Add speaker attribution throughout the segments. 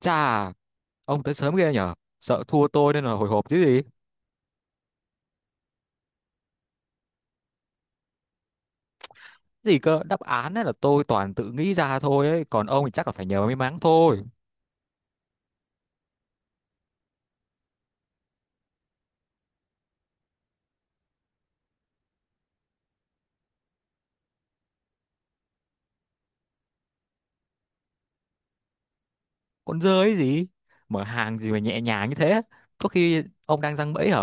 Speaker 1: Chà, ông tới sớm ghê nhở? Sợ thua tôi nên là hồi hộp chứ gì? Gì cơ, đáp án ấy là tôi toàn tự nghĩ ra thôi ấy, còn ông thì chắc là phải nhờ may mắn thôi. Con dơ ấy gì? Mở hàng gì mà nhẹ nhàng như thế? Có khi ông đang giăng bẫy hả?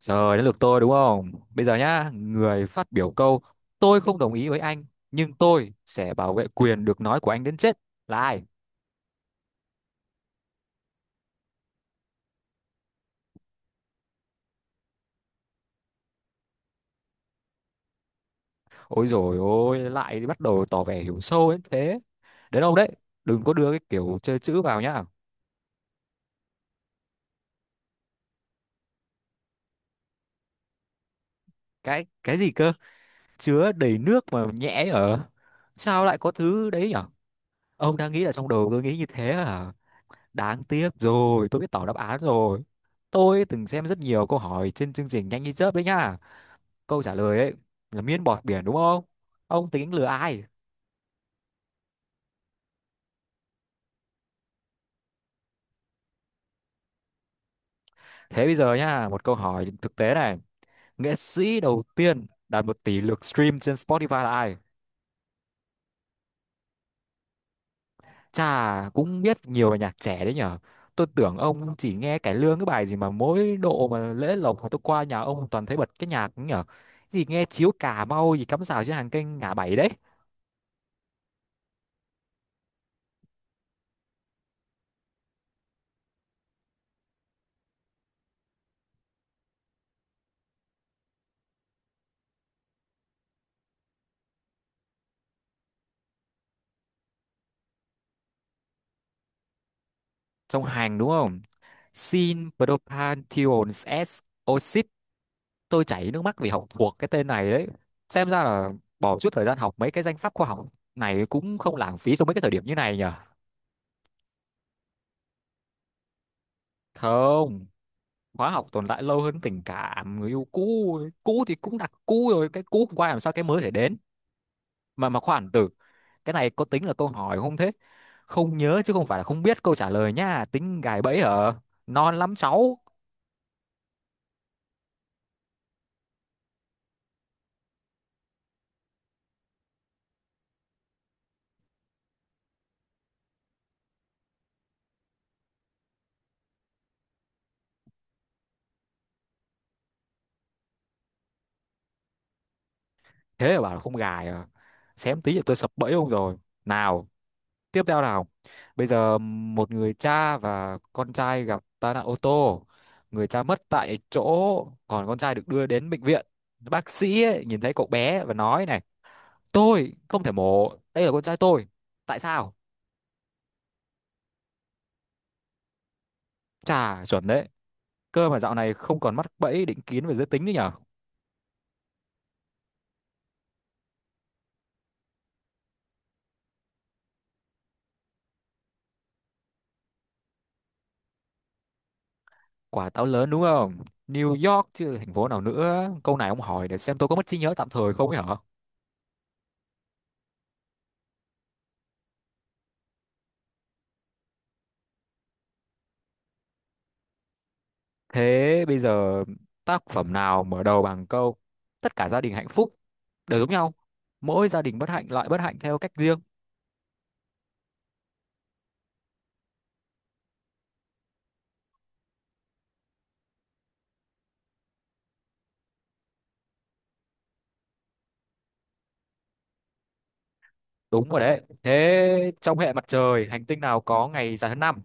Speaker 1: Trời, đến lượt tôi đúng không? Bây giờ nhá, người phát biểu câu tôi không đồng ý với anh, nhưng tôi sẽ bảo vệ quyền được nói của anh đến chết. Là ai? Ôi rồi ôi, lại bắt đầu tỏ vẻ hiểu sâu đến thế. Đến ông đấy, đừng có đưa cái kiểu chơi chữ vào nhá. Cái gì cơ? Chứa đầy nước mà nhẽ ở? Sao lại có thứ đấy nhở? Ông đang nghĩ là trong đầu tôi nghĩ như thế à? Đáng tiếc rồi, tôi biết tỏ đáp án rồi. Tôi từng xem rất nhiều câu hỏi trên chương trình Nhanh Như Chớp đấy nhá. Câu trả lời ấy là miên bọt biển đúng không? Ông tính lừa ai? Thế bây giờ nhá, một câu hỏi thực tế này: nghệ sĩ đầu tiên đạt 1 tỷ lượt stream trên Spotify là ai? Chà, cũng biết nhiều về nhạc trẻ đấy nhở. Tôi tưởng ông chỉ nghe cải lương cái bài gì mà mỗi độ mà lễ lộc mà tôi qua nhà ông toàn thấy bật cái nhạc ấy nhở. Gì nghe chiếu Cà Mau gì cắm rào trên hàng kênh ngã bảy đấy. Trong hàng đúng không? Sin Propantions S Oxit. Tôi chảy nước mắt vì học thuộc cái tên này đấy. Xem ra là bỏ chút thời gian học mấy cái danh pháp khoa học này cũng không lãng phí trong mấy cái thời điểm như này nhở. Không. Khóa học tồn tại lâu hơn tình cảm người yêu cũ ấy. Cũ thì cũng đặt cũ rồi, cái cũ không qua làm sao cái mới thể đến. Mà khoản tử, cái này có tính là câu hỏi không thế? Không nhớ chứ không phải là không biết câu trả lời nha. Tính gài bẫy hả? Non lắm cháu. Thế mà bảo là không gài à? Xém tí là tôi sập bẫy ông rồi. Nào, tiếp theo nào. Bây giờ một người cha và con trai gặp tai nạn ô tô, người cha mất tại chỗ, còn con trai được đưa đến bệnh viện. Bác sĩ ấy, nhìn thấy cậu bé và nói này, tôi không thể mổ, đây là con trai tôi. Tại sao? Chả, chuẩn đấy. Cơ mà dạo này không còn mắc bẫy định kiến về giới tính nữa nhở. Quả táo lớn đúng không? New York chứ thành phố nào nữa. Câu này ông hỏi để xem tôi có mất trí nhớ tạm thời không ấy hả? Thế bây giờ, tác phẩm nào mở đầu bằng câu: tất cả gia đình hạnh phúc đều giống nhau, mỗi gia đình bất hạnh lại bất hạnh theo cách riêng? Đúng rồi đấy. Thế trong hệ mặt trời, hành tinh nào có ngày dài hơn năm?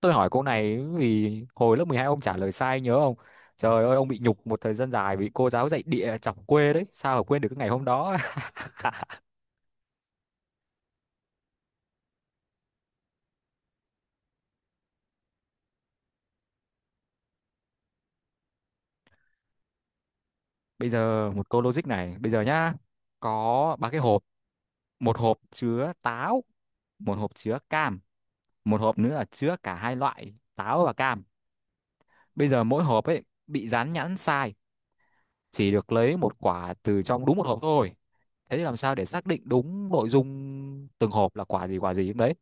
Speaker 1: Tôi hỏi cô này vì hồi lớp 12 ông trả lời sai nhớ không? Trời ơi, ông bị nhục một thời gian dài vì cô giáo dạy địa chọc quê đấy, sao mà quên được cái ngày hôm đó. Bây giờ một câu logic này, bây giờ nhá, có ba cái hộp, một hộp chứa táo, một hộp chứa cam, một hộp nữa là chứa cả hai loại táo và cam. Bây giờ mỗi hộp ấy bị dán nhãn sai, chỉ được lấy một quả từ trong đúng một hộp thôi. Thế thì làm sao để xác định đúng nội dung từng hộp là quả gì đấy?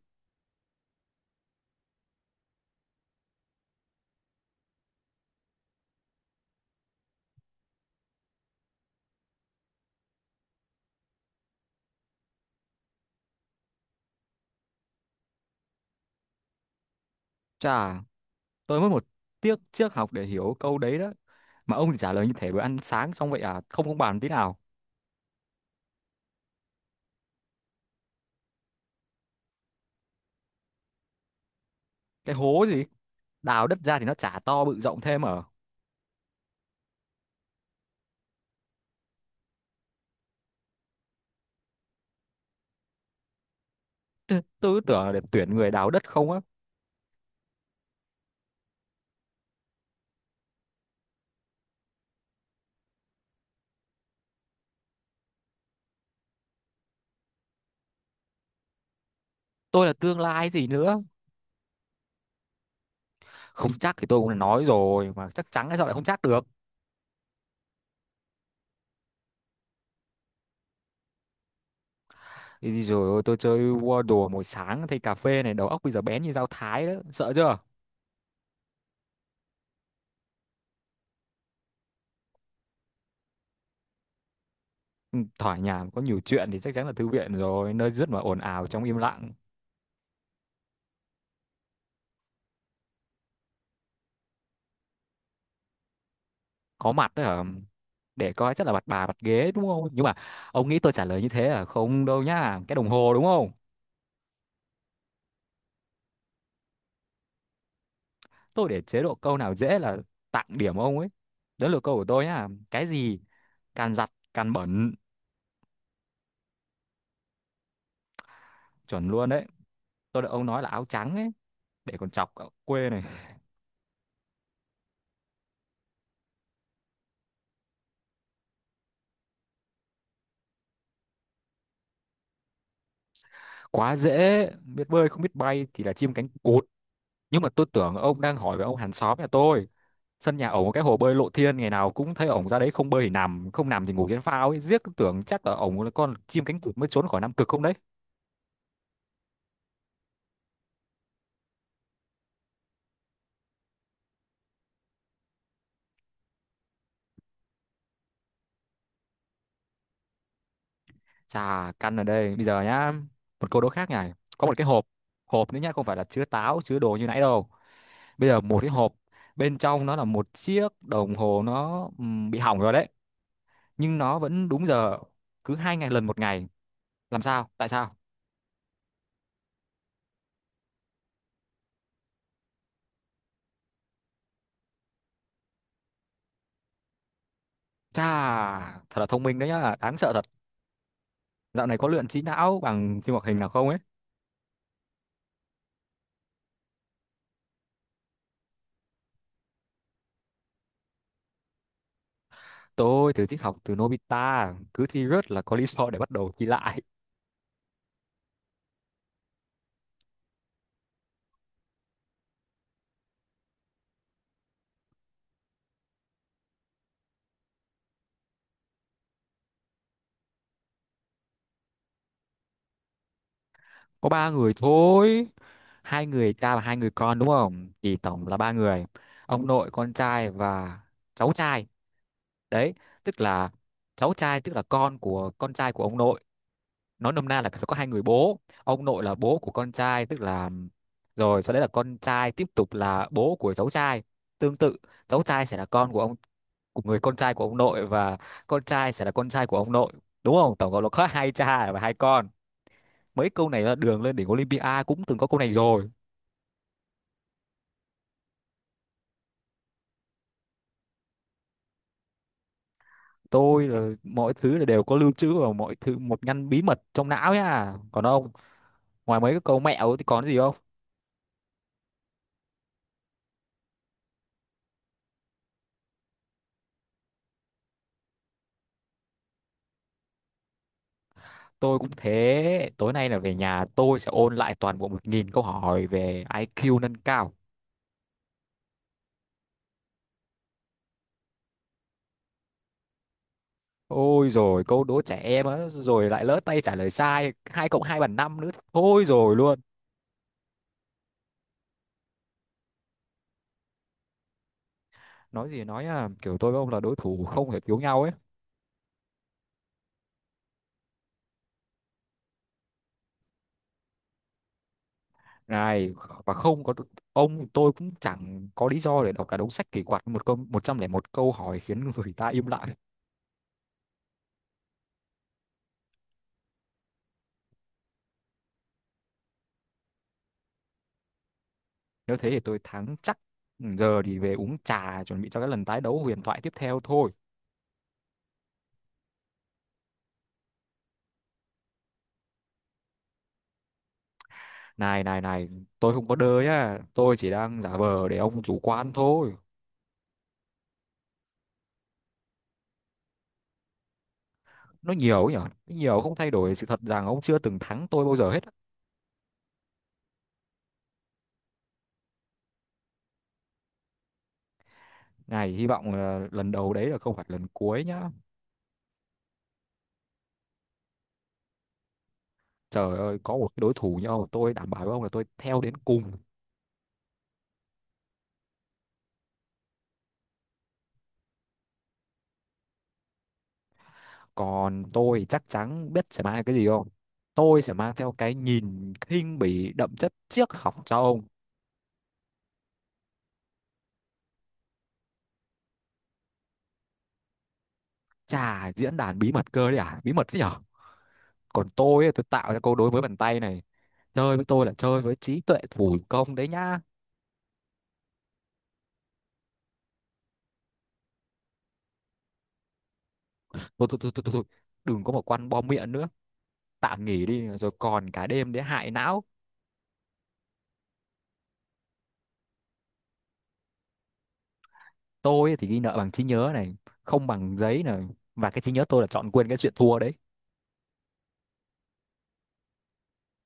Speaker 1: Chà, tôi mất một tiết triết học để hiểu câu đấy đó, mà ông thì trả lời như thể bữa ăn sáng xong vậy à. Không, không bàn tí nào. Cái hố gì? Đào đất ra thì nó chả to bự rộng thêm ở? Tôi cứ tưởng là để tuyển người đào đất không á. Tôi là tương lai gì nữa. Không chắc thì tôi cũng đã nói rồi mà, chắc chắn hay sao lại không chắc được. Thì rồi ôi, tôi chơi Wordle mỗi sáng thay cà phê này, đầu óc bây giờ bén như dao thái đó, sợ chưa? Ừ, thoải nhà có nhiều chuyện thì chắc chắn là thư viện rồi, nơi rất mà ồn ào trong im lặng. Có mặt đấy hả? Để coi chắc là mặt bà, mặt ghế đúng không, nhưng mà ông nghĩ tôi trả lời như thế là không đâu nhá. Cái đồng hồ đúng không? Tôi để chế độ câu nào dễ là tặng điểm ông ấy. Đó là câu của tôi nhá. Cái gì càng giặt càng bẩn? Chuẩn luôn đấy. Tôi đợi ông nói là áo trắng ấy, để còn chọc cậu quê này. Quá dễ, biết bơi không biết bay thì là chim cánh cụt. Nhưng mà tôi tưởng ông đang hỏi về ông hàng xóm nhà tôi. Sân nhà ổng có cái hồ bơi lộ thiên, ngày nào cũng thấy ổng ra đấy, không bơi thì nằm, không nằm thì ngủ trên phao ấy, riết tưởng chắc là ổng là con chim cánh cụt mới trốn khỏi Nam Cực không đấy. Chà, căn ở đây, bây giờ nhá, một câu đố khác này. Có một cái hộp, hộp nữa nhá, không phải là chứa táo chứa đồ như nãy đâu. Bây giờ một cái hộp, bên trong nó là một chiếc đồng hồ, nó bị hỏng rồi đấy, nhưng nó vẫn đúng giờ cứ hai ngày lần một ngày. Làm sao? Tại sao? Chà, thật là thông minh đấy nhá, đáng sợ thật. Dạo này có luyện trí não bằng phim hoạt hình nào không ấy? Tôi thì thích học từ Nobita, cứ thi rớt là có lý do để bắt đầu thi lại. Có ba người thôi, hai người cha và hai người con đúng không? Thì tổng là ba người, ông nội, con trai và cháu trai. Đấy, tức là cháu trai tức là con của con trai của ông nội. Nói nôm na là sẽ có hai người bố. Ông nội là bố của con trai, tức là rồi sau đấy là con trai tiếp tục là bố của cháu trai. Tương tự, cháu trai sẽ là con của ông của người con trai của ông nội, và con trai sẽ là con trai của ông nội, đúng không? Tổng cộng là có hai cha và hai con. Mấy câu này là Đường Lên Đỉnh Olympia cũng từng có câu này rồi. Tôi là mọi thứ là đều có lưu trữ và mọi thứ một ngăn bí mật trong não nhá. Còn ông, ngoài mấy cái câu mẹo thì còn cái gì không? Tôi cũng thế, tối nay là về nhà tôi sẽ ôn lại toàn bộ 1.000 câu hỏi về IQ nâng cao. Ôi rồi câu đố trẻ em á, rồi lại lỡ tay trả lời sai 2 cộng 2 bằng 5 nữa thôi rồi luôn. Nói gì nói nhá, kiểu tôi với ông là đối thủ không thể thiếu nhau ấy. Này, và không có ông tôi cũng chẳng có lý do để đọc cả đống sách kỳ quặc một câu 101 câu hỏi khiến người ta im lặng. Nếu thế thì tôi thắng chắc. Ừ, giờ thì về uống trà chuẩn bị cho cái lần tái đấu huyền thoại tiếp theo thôi. Này này này, tôi không có đơ nhá, tôi chỉ đang giả vờ để ông chủ quan thôi. Nó nhiều ấy nhở. Nó nhiều không thay đổi sự thật rằng ông chưa từng thắng tôi bao giờ hết á. Này, hy vọng là lần đầu đấy là không phải lần cuối nhá. Trời ơi, có một cái đối thủ như ông, tôi đảm bảo với ông là tôi theo đến cùng. Còn tôi chắc chắn biết sẽ mang cái gì không? Tôi sẽ mang theo cái nhìn khinh bỉ đậm chất triết học cho ông. Chà, diễn đàn bí mật cơ đấy à? Bí mật thế nhở? Còn tôi, ấy, tôi tạo ra câu đối với bàn tay này. Chơi với tôi là chơi với trí tuệ thủ công đấy nhá. Thôi, thôi, thôi, thôi, thôi. Đừng có một quan bom miệng nữa. Tạm nghỉ đi, rồi còn cả đêm để hại não. Tôi thì ghi nợ bằng trí nhớ này, không bằng giấy này. Và cái trí nhớ tôi là chọn quên cái chuyện thua đấy.